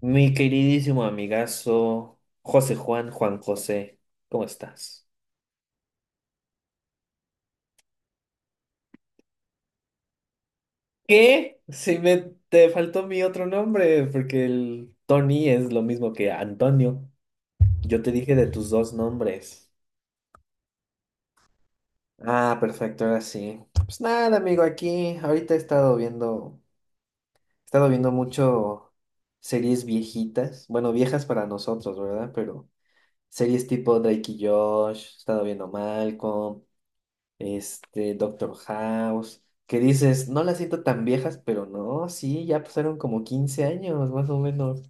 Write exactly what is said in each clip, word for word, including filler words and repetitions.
Mi queridísimo amigazo José Juan, Juan José, ¿cómo estás? ¿Qué? Si me te faltó mi otro nombre, porque el Tony es lo mismo que Antonio. Yo te dije de tus dos nombres. Ah, perfecto, ahora sí. Pues nada, amigo, aquí ahorita he estado viendo, he estado viendo mucho series viejitas, bueno, viejas para nosotros, ¿verdad? Pero series tipo Drake y Josh, he estado viendo Malcolm, este, Doctor House, que dices, no las siento tan viejas, pero no, sí, ya pasaron como quince años, más o menos.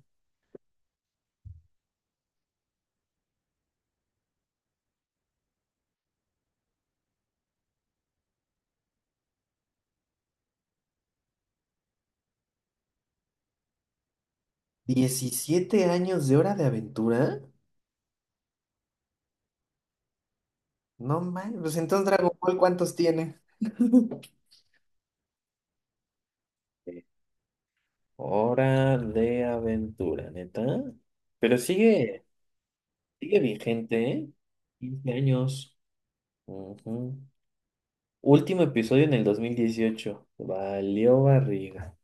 ¿Diecisiete años de Hora de Aventura? No man, pues entonces Dragon Ball, ¿cuántos tiene? Eh, Hora de Aventura, neta. Pero sigue, sigue vigente, ¿eh? quince años. Ujú. Último episodio en el dos mil dieciocho. Valió barriga.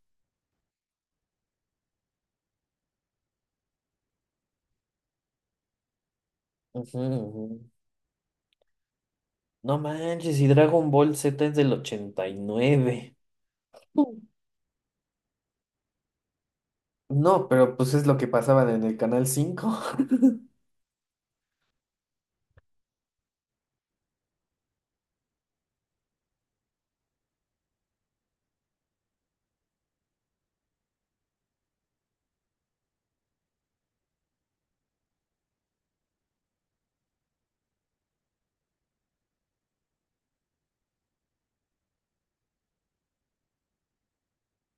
Ujú, ujú. No manches, y Dragon Ball Z es del ochenta y nueve. Mm. No, pero pues es lo que pasaban en el Canal cinco.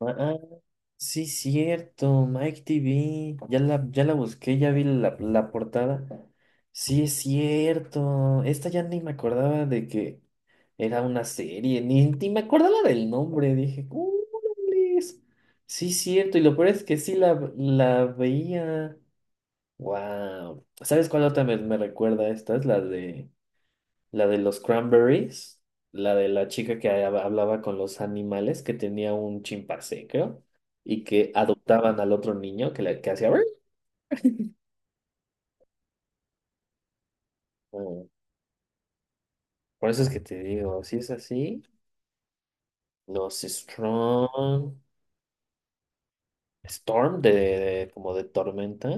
Ah, sí, cierto, Mike T V. Ya la, ya la busqué, ya vi la, la portada. Sí, es cierto. Esta ya ni me acordaba de que era una serie, ni, ni me acordaba del nombre. Dije, "Órales". Sí, cierto. Y lo peor es que sí la, la veía. Wow. ¿Sabes cuál otra me, me recuerda a esta? Es la de la de los cranberries, la de la chica que hab- hablaba con los animales, que tenía un chimpancé, creo, y que adoptaban al otro niño que, la- que hacía. "Ruiz". Mm, por eso es que te digo, si es así, los Strong, Storm de, de- como de tormenta.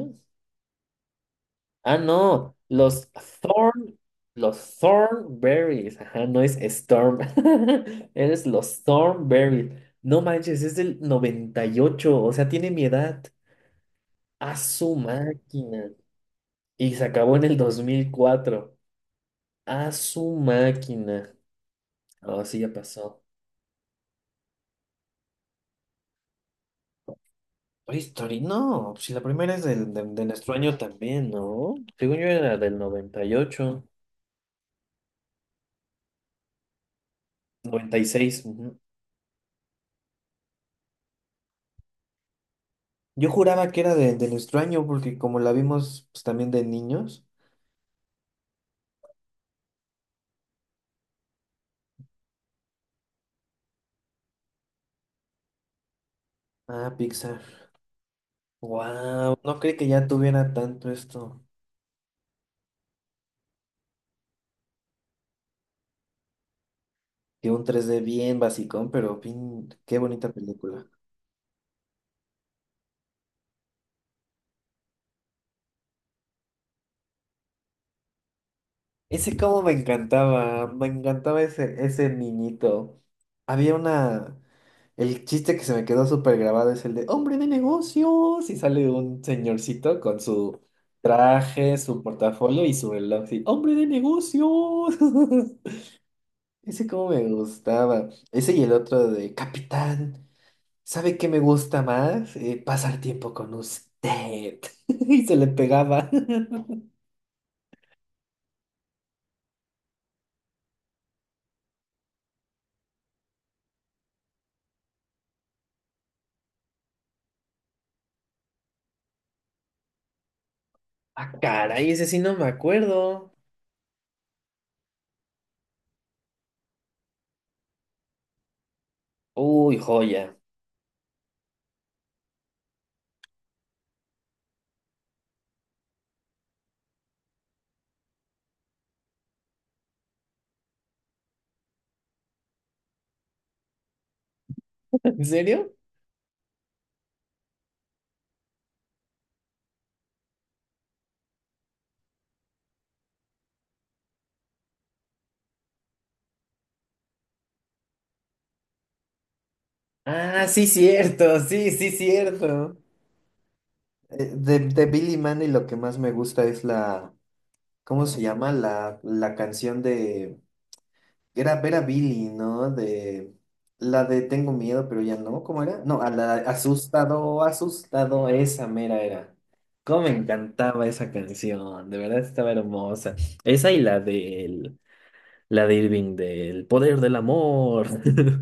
Ah, no, los Thorn, los Thornberries. Ajá, no es Storm. Eres los Thornberries. No manches, es del noventa y ocho, o sea, tiene mi edad. A su máquina. Y se acabó en el dos mil cuatro. A su máquina. Oh, sí, ya pasó. Oye, Story, no, si la primera es del- de, de nuestro año también, ¿no? Según yo era del noventa y ocho, noventa y seis. Yo juraba que era de, del extraño, porque como la vimos pues, también de niños. Ah, Pixar. Wow, no creí que ya tuviera tanto esto. Que un tres D bien basicón, pero bien, qué bonita película. Ese como me encantaba, me encantaba ese, ese niñito. Había una... El chiste que se me quedó súper grabado es el de hombre de negocios, y sale un señorcito con su traje, su portafolio y su reloj. Y, hombre de negocios. Ese como me gustaba. Ese y el otro de Capitán, ¿sabe qué me gusta más? Eh, pasar tiempo con usted. Y se le pegaba. Ah, caray, ese sí no me acuerdo. Uy, joya. ¿En serio? Ah, sí, cierto, sí, sí, cierto. Eh, De, de Billy Mandy lo que más me gusta es la, ¿cómo se llama? La, la canción de, era ver a Billy, ¿no? De la de Tengo miedo, pero ya no, ¿cómo era? No, a la asustado, asustado, esa mera era. Cómo me encantaba esa canción, de verdad estaba hermosa. Esa y la de la de Irving del poder del amor.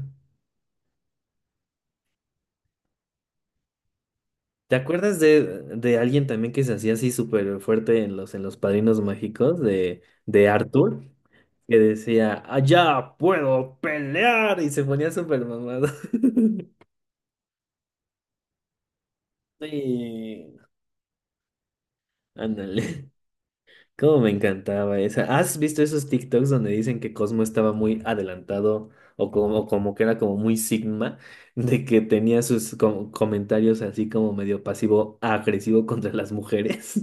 ¿Te acuerdas de, de alguien también que se hacía así súper fuerte en los en los Padrinos Mágicos de de Arthur? Que decía, allá puedo pelear y se ponía súper mamado. Sí, ándale. Cómo me encantaba esa. ¿Has visto esos TikToks donde dicen que Cosmo estaba muy adelantado o como, como que era como muy sigma, de que tenía sus co- comentarios así como medio pasivo agresivo contra las mujeres?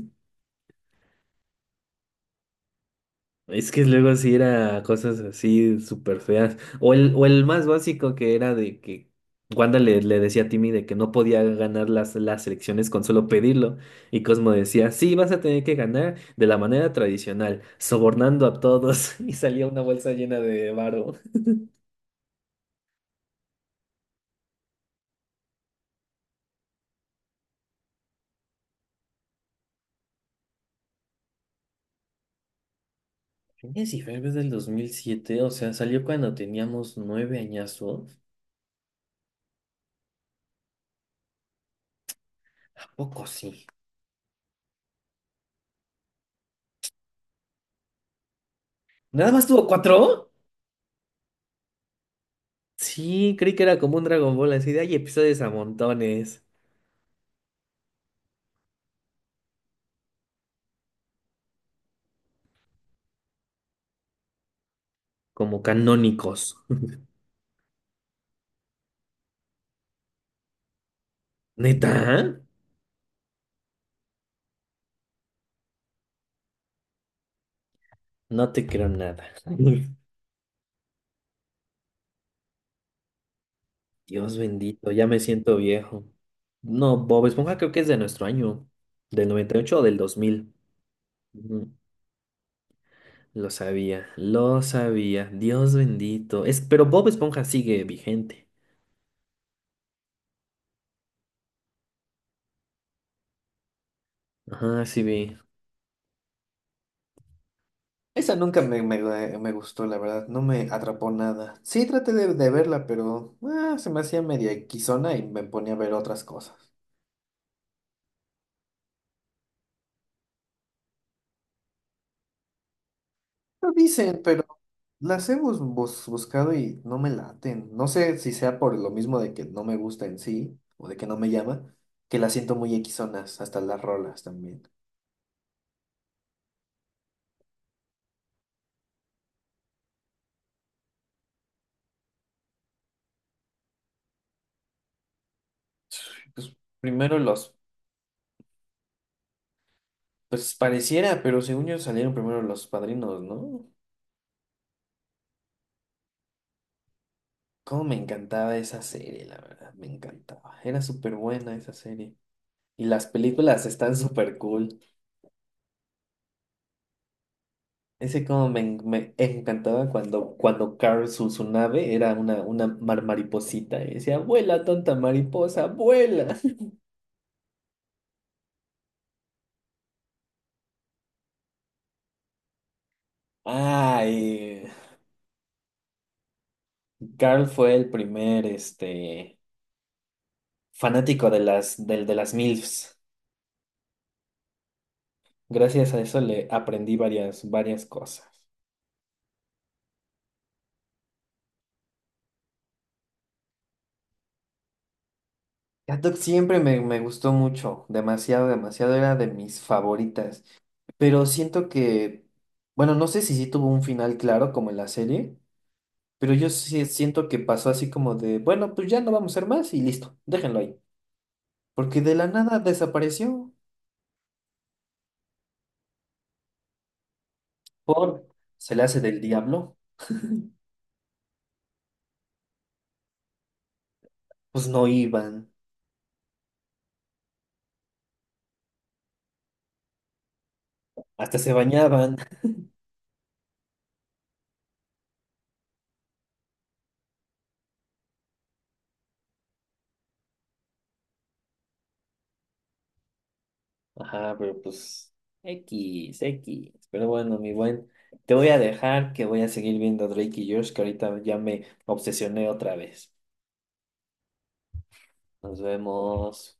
Es que luego sí era cosas así súper feas. O el, o el más básico, que era de que Wanda le, le decía a Timmy de que no podía ganar las, las elecciones con solo pedirlo. Y Cosmo decía, sí, vas a tener que ganar de la manera tradicional, sobornando a todos. Y salía una bolsa llena de varo. Phineas y Ferb es del dos mil siete, o sea, salió cuando teníamos nueve añazos. ¿A poco sí? ¿Nada más tuvo cuatro? Sí, creí que era como un Dragon Ball, así de hay episodios a montones. Como canónicos. ¿Neta? No te creo nada. Dios bendito, ya me siento viejo. No, Bob Esponja creo que es de nuestro año, del noventa y ocho o del dos mil. Ujú. Lo sabía, lo sabía. Dios bendito. Es, pero Bob Esponja sigue vigente. Ajá, sí vi. Esa nunca me, me- me gustó, la verdad, no me atrapó nada. Sí, traté de, de verla, pero ah, se me hacía media equisona y me ponía a ver otras cosas. Lo dicen, pero... Las hemos bus- buscado y no me laten. No sé si sea por lo mismo de que no me gusta en sí o de que no me llama, que las siento muy equisonas, hasta las rolas también. Pues primero los, pues pareciera, pero según yo salieron primero los padrinos, ¿no? Cómo me encantaba esa serie, la verdad, me encantaba. Era súper buena esa serie. Y las películas están súper cool. Ese como me, en- me encantaba cuando, cuando Carl, su, su nave, era una, una mar mariposita. Y decía, vuela, tonta mariposa, vuela. Ah, y Carl fue el primer este, fanático de las, del de las M I L Fs. Gracias a eso le aprendí varias, varias cosas. Cat siempre me, me gustó mucho, demasiado, demasiado, era de mis favoritas. Pero siento que, bueno, no sé si sí tuvo un final claro como en la serie. Pero yo sí siento que pasó así como de, bueno, pues ya no vamos a ser más y listo, déjenlo ahí. Porque de la nada desapareció, por se le hace del diablo. Pues no iban, hasta se bañaban. Ajá, pero pues X, X. Pero bueno, mi buen, te voy a dejar, que voy a seguir viendo Drake y Josh, que ahorita ya me obsesioné otra vez. Nos vemos.